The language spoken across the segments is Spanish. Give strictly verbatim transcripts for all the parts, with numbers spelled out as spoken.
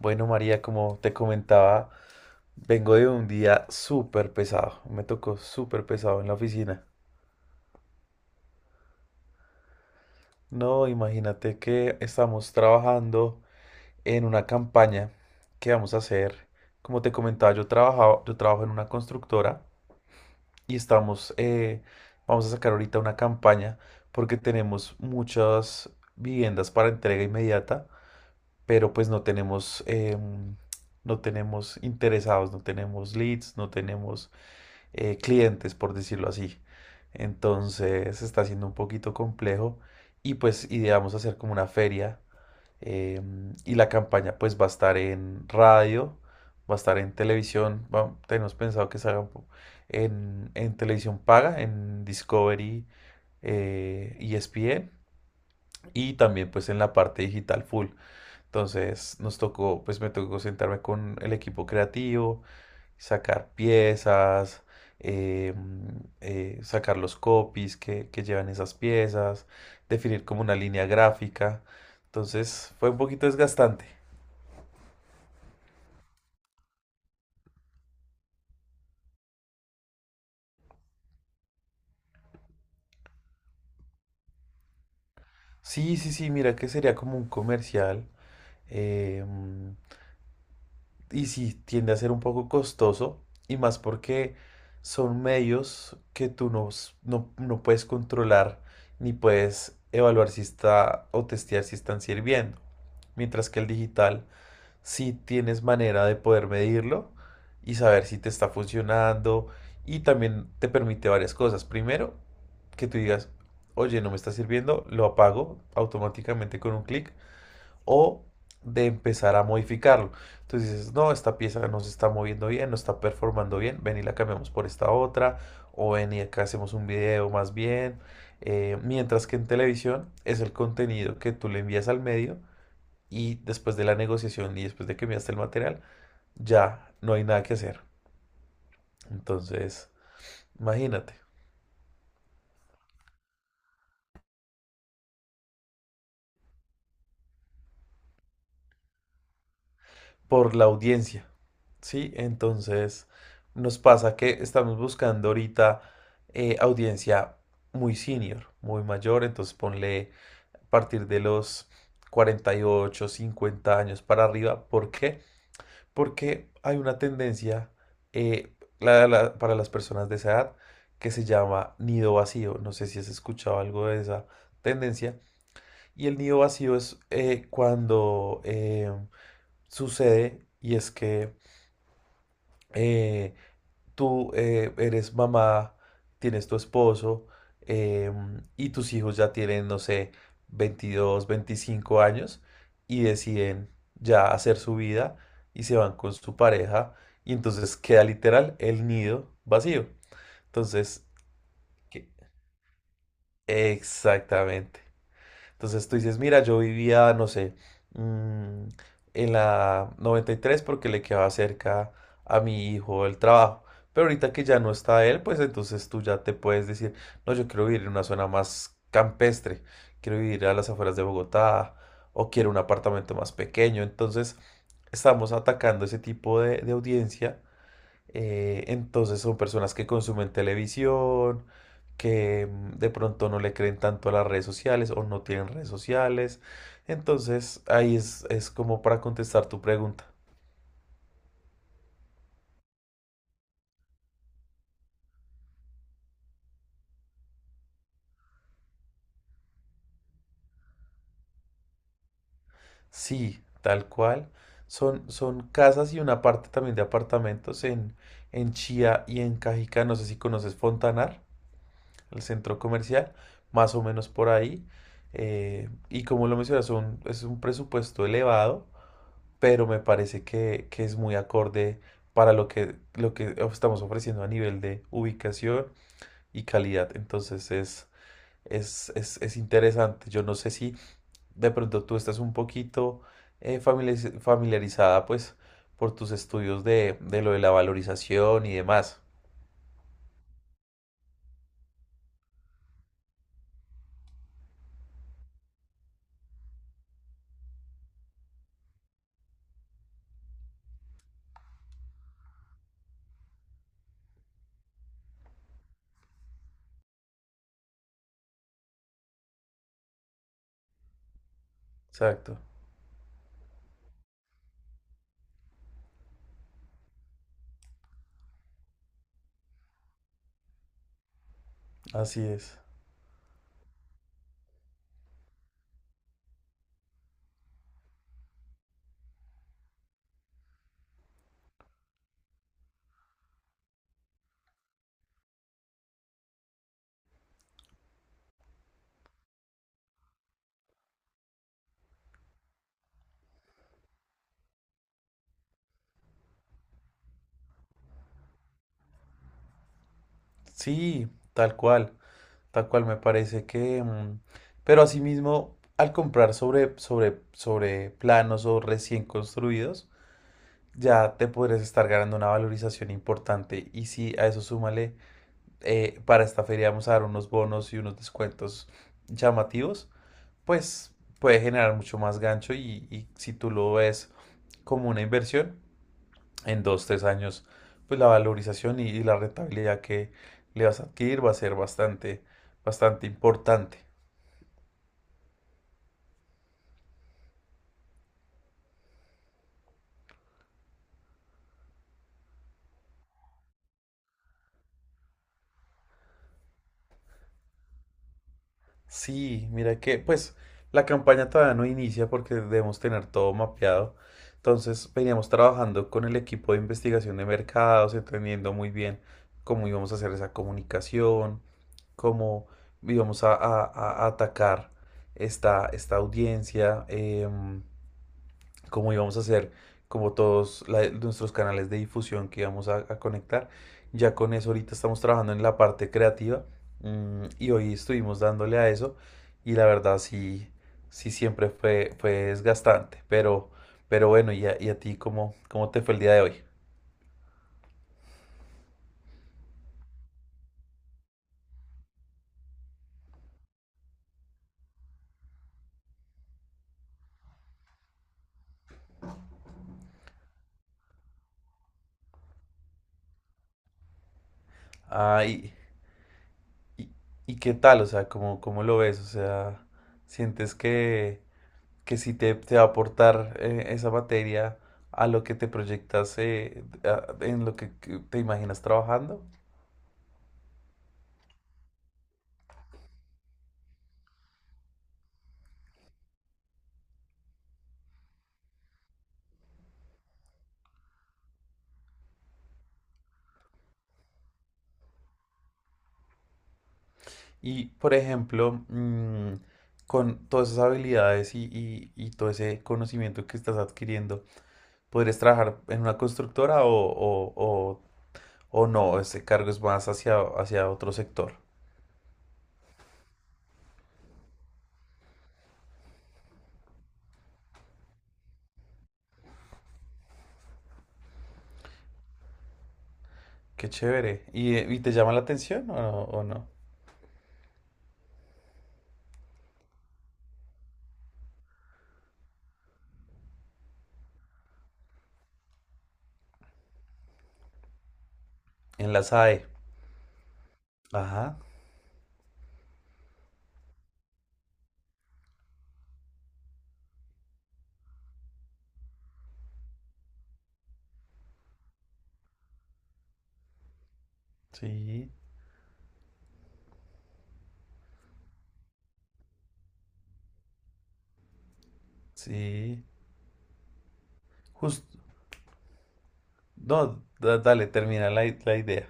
Bueno, María, como te comentaba, vengo de un día súper pesado. Me tocó súper pesado en la oficina. No, imagínate que estamos trabajando en una campaña que vamos a hacer. Como te comentaba, yo trabajaba, yo trabajo en una constructora y estamos, eh, vamos a sacar ahorita una campaña porque tenemos muchas viviendas para entrega inmediata, pero pues no tenemos, em, no tenemos interesados, no tenemos leads, no tenemos eh, clientes, por decirlo así. Entonces está siendo un poquito complejo y pues ideamos hacer como una feria eh, y la campaña pues va a estar en radio, va a estar en televisión, va- tenemos pensado que salga un po- en, en televisión paga, en Discovery, eh, E S P N y también pues en la parte digital full. Entonces nos tocó, pues me tocó sentarme con el equipo creativo, sacar piezas, eh, eh, sacar los copies que, que llevan esas piezas, definir como una línea gráfica. Entonces fue un poquito desgastante. Sí, sí, sí, mira que sería como un comercial. eh, y sí, tiende a ser un poco costoso. Y más porque son medios que tú no, s- no, no puedes controlar ni puedes evaluar si está o testear si están sirviendo. Mientras que el digital si tienes manera de poder medirlo y saber si te está funcionando. Y también te permite varias cosas. Primero, que tú digas, oye, no me está sirviendo, lo apago automáticamente con un clic o de empezar a modificarlo. Entonces dices, no, esta pieza no se está moviendo bien, no está performando bien, ven y la cambiamos por esta otra, o ven y acá hacemos un video más bien. Eh, mientras que en televisión es el contenido que tú le envías al medio y después de la negociación y después de que enviaste el material, ya no hay nada que hacer. Entonces, imagínate, por la audiencia, ¿sí? Entonces, nos pasa que estamos buscando ahorita eh, audiencia muy senior, muy mayor, entonces ponle a partir de los cuarenta y ocho, cincuenta años para arriba. ¿Por qué? Porque hay una tendencia eh, la- la- para las personas de esa edad que se llama nido vacío. No sé si has escuchado algo de esa tendencia. Y el nido vacío es eh, cuando eh, sucede y es que eh, tú eh, eres mamá, tienes tu esposo em, y tus hijos ya tienen, no sé, veintidós veinticinco años y deciden ya hacer su vida y se van con su pareja y entonces queda literal el nido vacío. Entonces, que- exactamente. Entonces tú dices, mira, yo vivía, no sé, mm, en la noventa y tres porque le quedaba cerca a mi hijo el trabajo. Pero ahorita que ya no está él, pues entonces tú ya te puedes decir, no, yo quiero vivir en una zona más campestre, quiero vivir a las afueras de Bogotá o quiero un apartamento más pequeño. Entonces estamos atacando ese tipo de, de audiencia eh, entonces son personas que consumen televisión, que mm, de pronto no le creen tanto a las redes sociales o no tienen redes sociales. Entonces ahí es, es como para contestar tu pregunta. Sí, tal cual. Son, son casas y una parte también de apartamentos en, en Chía y en Cajica. No sé si conoces Fontanar, el centro comercial, más o menos por ahí. Eh, y como lo mencionas, son- es un presupuesto elevado pero me parece que, que es muy acorde para lo que, lo que estamos ofreciendo a nivel de ubicación y calidad. Entonces es, es, es, es interesante. Yo no sé si de pronto tú estás un poquito eh, familiariz- familiarizada pues por tus estudios de, de lo de la valorización y demás. Exacto, así es. Sí, tal cual, tal cual me parece que... mm, Pero asimismo, al comprar sobre, sobre, sobre planos o recién construidos, ya te podrías estar ganando una valorización importante. Y si a eso súmale, eh, para esta feria vamos a dar unos bonos y unos descuentos llamativos, pues puede generar mucho más gancho y, y si tú lo ves como una inversión, en dos, tres años, pues la valorización y, y la rentabilidad que le vas a adquirir va a ser bastante, bastante importante. Sí, mira que, pues, la campaña todavía no inicia porque debemos tener todo mapeado. Entonces, veníamos trabajando con el equipo de investigación de mercados, entendiendo muy bien cómo íbamos a hacer esa comunicación, cómo íbamos a, a- a- a atacar esta, esta audiencia. Em, como íbamos a hacer, como todos la- nuestros canales de difusión que íbamos a, a conectar. Ya con eso ahorita estamos trabajando en la parte creativa mm, y hoy estuvimos dándole a eso y la verdad sí, sí siempre fue, fue desgastante, pero, pero, bueno, y a, y a ti cómo, cómo te fue el día de hoy? Ah, y, y- y qué tal, o sea, ¿cómo, cómo lo ves? O sea, ¿sientes que, que sí te, te va a aportar eh, esa materia a lo que te proyectas, eh, a- en lo que que te imaginas trabajando. Y, por ejemplo, mm, con todas esas habilidades y, y- y todo ese conocimiento que estás adquiriendo, ¿podrías trabajar en una constructora o, o- o- o no? Ese cargo es más hacia, hacia otro sector. Qué chévere. ¿Y, eh, y te llama la atención o no? o no? En la SAE. Ajá, sí, sí. Justo. No, da- dale, termina la, i- la idea.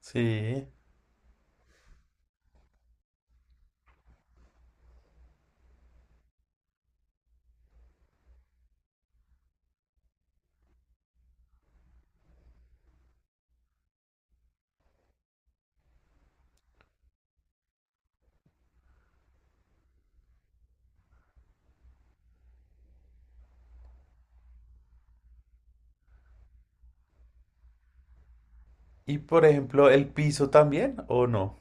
Sí. Y por ejemplo, ¿el piso también o no?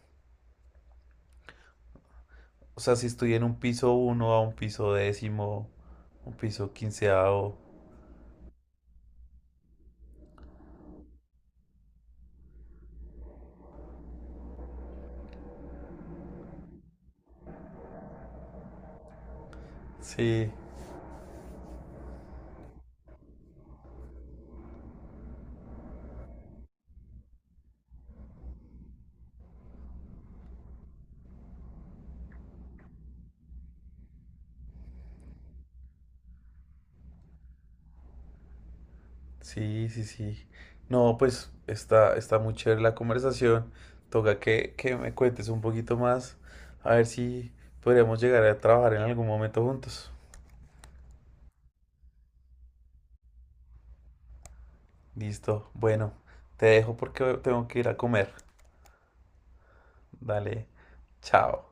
O sea, si estoy en un piso uno a un piso décimo, un piso quinceavo. Sí, sí, sí, sí. No, pues está, está muy chévere la conversación. Toca que, que me cuentes un poquito más. A ver si podríamos llegar a trabajar en algún momento juntos. Listo. Bueno, te dejo porque tengo que ir a comer. Dale, chao.